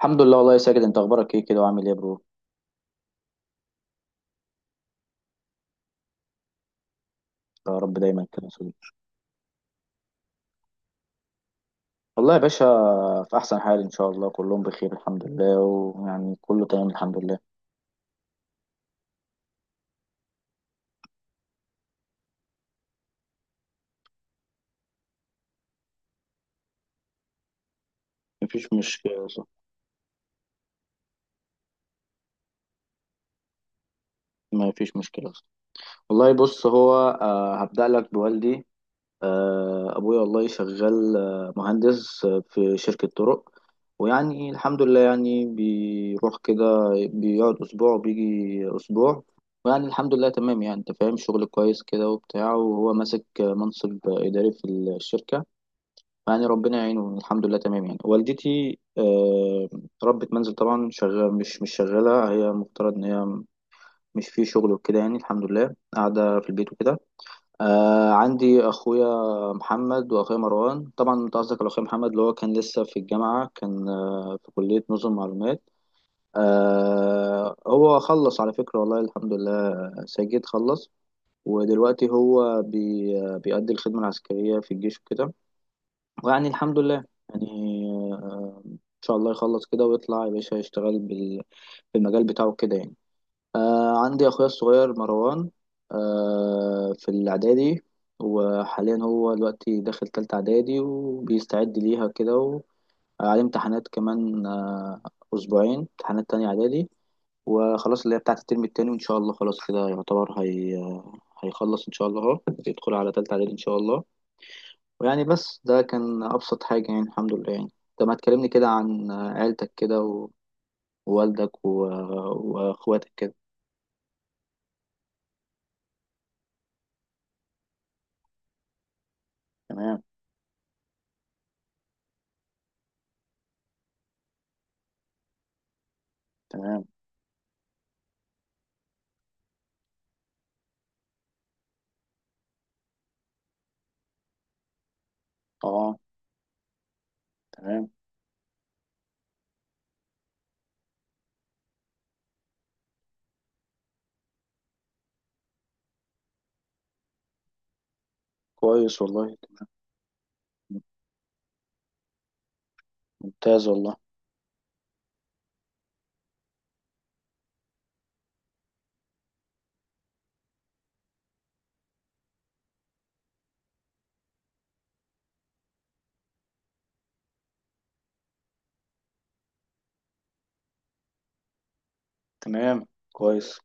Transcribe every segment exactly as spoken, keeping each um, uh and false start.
الحمد لله والله يا ساجد، انت اخبارك ايه كده وعامل ايه يا برو؟ يا رب دايما كده يا صديقي. والله يا باشا، في احسن حال ان شاء الله، كلهم بخير الحمد لله، ويعني كله تمام الحمد لله. مفيش مشكله صح. مفيش مشكله صح. والله بص، هو آه، هبدأ لك بوالدي. آه، ابويا والله شغال، آه، مهندس آه، في شركة طرق، ويعني الحمد لله، يعني بيروح كده بيقعد أسبوع وبيجي أسبوع، ويعني الحمد لله تمام، يعني أنت فاهم شغل كويس كده وبتاع، وهو ماسك منصب إداري في الشركة، يعني ربنا يعينه الحمد لله تمام. يعني والدتي آه، ربة منزل طبعا، شغال مش مش شغالة، هي مفترض إن هي مش في شغل وكده، يعني الحمد لله قاعدة في البيت وكده. آه عندي اخويا محمد واخويا مروان. طبعا انت قصدك على اخويا محمد، اللي هو كان لسه في الجامعه، كان آه في كليه نظم معلومات. آه هو خلص على فكره والله الحمد لله، ساجد خلص. ودلوقتي هو بي آه، بيأدي الخدمه العسكريه في الجيش وكده، ويعني الحمد لله يعني. آه آه، ان شاء الله يخلص كده ويطلع يا باشا يشتغل بال- في المجال بتاعه كده يعني. آه عندي أخويا الصغير مروان، آه في الإعدادي، وحاليا هو دلوقتي داخل تالتة إعدادي وبيستعد ليها كده، وعليه امتحانات كمان، آه أسبوعين امتحانات تانية إعدادي، وخلاص اللي هي بتاعة الترم التاني، وإن شاء الله خلاص كده يعتبر هي هيخلص إن شاء الله أهو، يدخل على تالتة إعدادي إن شاء الله. ويعني بس ده كان أبسط حاجة، يعني الحمد لله يعني. طب ما تكلمني كده عن عيلتك كده و- ووالدك و- وأخواتك كده. تمام. تمام. اه. تمام. كويس والله. ممتاز والله. تمام. كويس.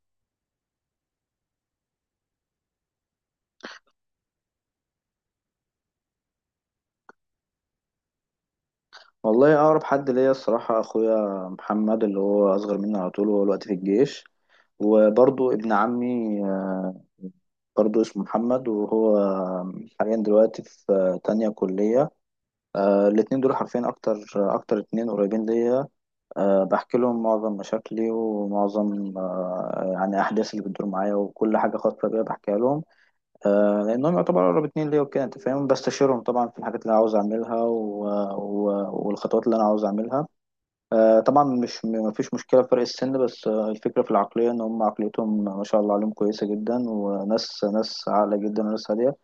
والله أقرب حد ليا الصراحة أخويا محمد، اللي هو أصغر مني على طول، وهو دلوقتي في الجيش. وبرضه ابن عمي، آه، برضه اسمه محمد، وهو حاليا دلوقتي في تانية كلية. آه، الاتنين دول حرفيا أكتر أكتر اتنين قريبين ليا. آه، بحكي لهم معظم مشاكلي ومعظم آه، يعني أحداث اللي بتدور معايا، وكل حاجة خاصة بيا بحكيها لهم، آه لأنهم يعتبروا أقرب اتنين ليا وكده، أنت فاهم. بستشيرهم طبعا في الحاجات اللي عاوز أعملها و... و... والخطوات اللي أنا عاوز أعملها. آه طبعا مش م- مفيش مشكلة في فرق السن، بس آه الفكرة في العقلية، إن هم عقليتهم ما شاء الله عليهم كويسة جدا، وناس ناس عاقلة جدا وناس هادية.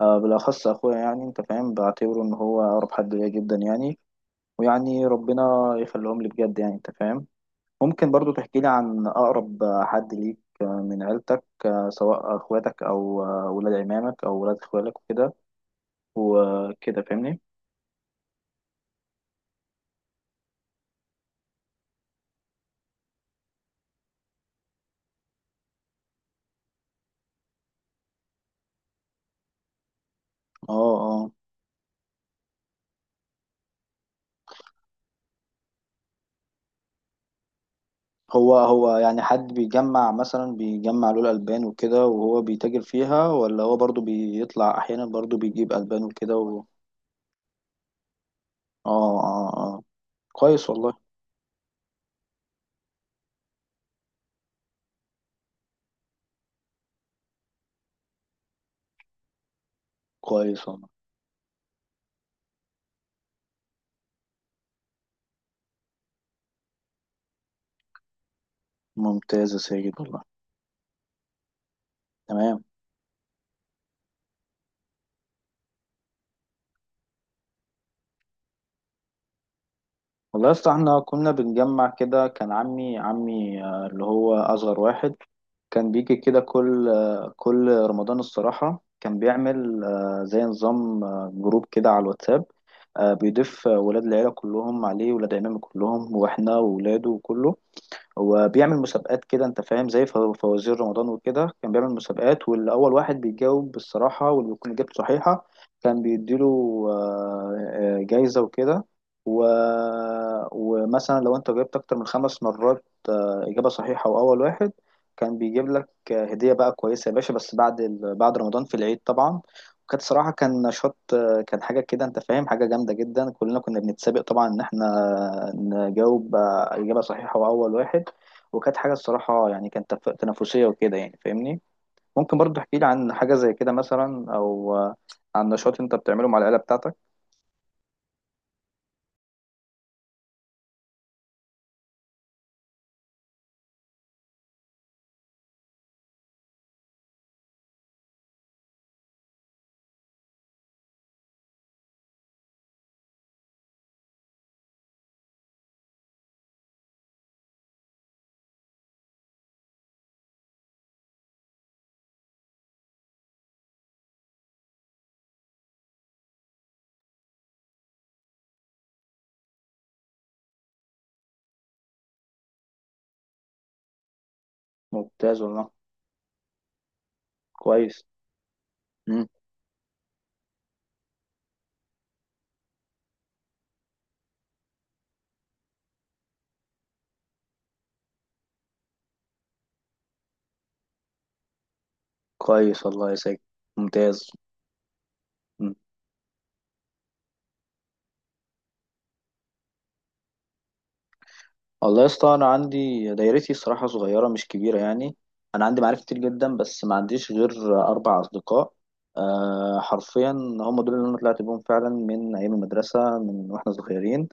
آه بالأخص أخويا، يعني أنت فاهم، بعتبره إن هو أقرب حد ليا جدا يعني. ويعني ربنا يخليهم لي بجد، يعني أنت فاهم. ممكن برضو تحكي لي عن أقرب حد ليك من عيلتك، سواء أخواتك أو ولاد عمامك أو ولاد إخوالك وكده، وكده فاهمني؟ اه. اه. هو هو يعني حد بيجمع، مثلا بيجمع له الألبان وكده وهو بيتاجر فيها، ولا هو برضو بيطلع أحيانا برضو بيجيب ألبان وكده و... اه اه اه كويس والله. كويس والله. ممتاز يا ساجد والله. تمام. والله يا اسطى احنا كنا بنجمع كده، كان عمي عمي آه، اللي هو أصغر واحد، كان بيجي كده كل كل رمضان الصراحة، كان بيعمل آه، زي نظام آه، جروب كده على الواتساب، آه، بيضيف آه، ولاد العيلة كلهم عليه، ولاد عمامي كلهم، واحنا وولاده وكله. هو بيعمل مسابقات كده انت فاهم، زي فو- فوازير رمضان وكده، كان بيعمل مسابقات، واللي اول واحد بيجاوب بالصراحه واللي بيكون اجابته صحيحه، كان بيديله آه، آه، جايزه وكده. و... ومثلا لو انت جاوبت اكتر من خمس مرات آه، اجابه صحيحه واول واحد، كان بيجيب لك آه، هديه بقى كويسه يا باشا، بس بعد ال... بعد رمضان في العيد طبعا. وكانت صراحه كان نشاط، آه، كان حاجه كده انت فاهم، حاجه جامده جدا، كلنا كنا بنتسابق طبعا ان احنا نجاوب آه، اجابه صحيحه واول واحد. وكانت حاجة الصراحة يعني كانت تف- تنافسية وكده يعني فاهمني. ممكن برضو تحكي لي عن حاجة زي كده مثلا، أو آه، عن نشاط أنت بتعمله مع العيلة بتاعتك. ممتاز والله. كويس. مم. كويس والله يا ساجد. ممتاز. والله يا اسطى، انا عندي دايرتي الصراحه صغيره مش كبيره يعني، انا عندي معارف كتير جدا، بس ما عنديش غير اربع اصدقاء. أه حرفيا هم دول اللي انا طلعت بيهم فعلا، من ايام المدرسه من واحنا صغيرين.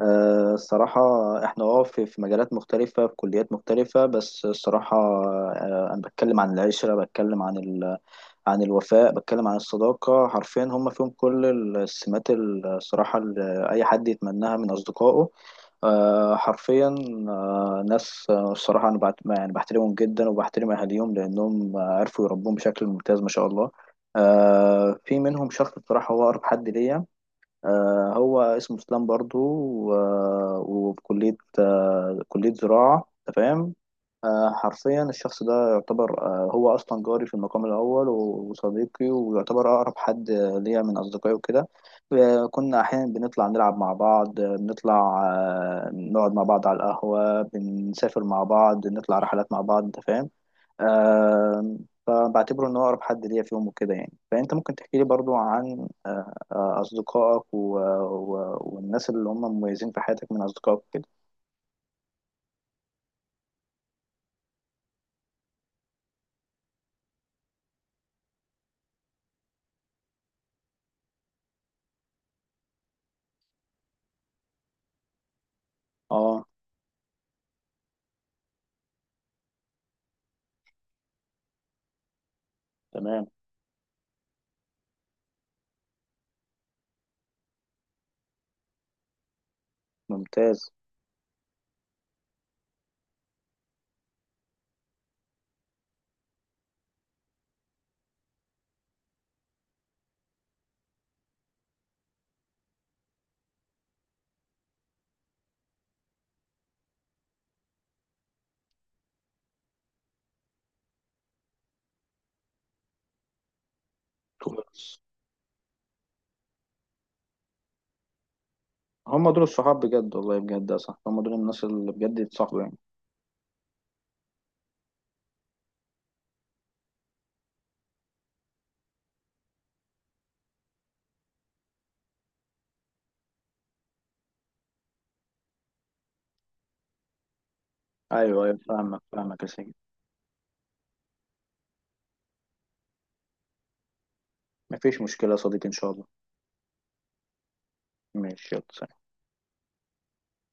أه الصراحه احنا اه في, في مجالات مختلفه، في كليات مختلفه، بس الصراحه أه انا بتكلم عن العشره، بتكلم عن ال عن الوفاء، بتكلم عن الصداقة. حرفيا هم فيهم كل السمات الصراحة اللي أي حد يتمناها من أصدقائه، آه، حرفيا. آه، ناس آه، الصراحة أنا بعت... يعني بحترمهم جدا وبحترم أهاليهم لأنهم آه، عرفوا يربوهم بشكل ممتاز ما شاء الله. آه، في منهم شخص بصراحة هو أقرب حد ليا، آه، هو اسمه اسلام برضو، و- وبكلية آه، كلية زراعة أنت فاهم. آه، حرفيا الشخص ده يعتبر آه، هو أصلا جاري في المقام الأول، و- وصديقي، ويعتبر أقرب حد آه، ليا من أصدقائي وكده. آه، كنا أحيانا بنطلع نلعب مع بعض، آه، بنطلع آه، نقعد مع بعض على القهوة، بنسافر مع بعض، نطلع رحلات مع بعض أنت فاهم. آه فبعتبره ان هو اقرب حد ليا فيهم وكده يعني. فانت ممكن تحكي لي برضو عن آه آه، اصدقائك و... و... والناس اللي هم مميزين في حياتك من اصدقائك كده. اه. تمام. ممتاز. كويس. هم دول الصحاب بجد، والله بجد يا صاحبي، هم دول الناس اللي بجد يتصاحبوا يعني. ايوه، ايوه، فاهمك فاهمك يا سيدي. مفيش مشكلة يا صديقي ان شاء الله. ماشي، يلا سلام.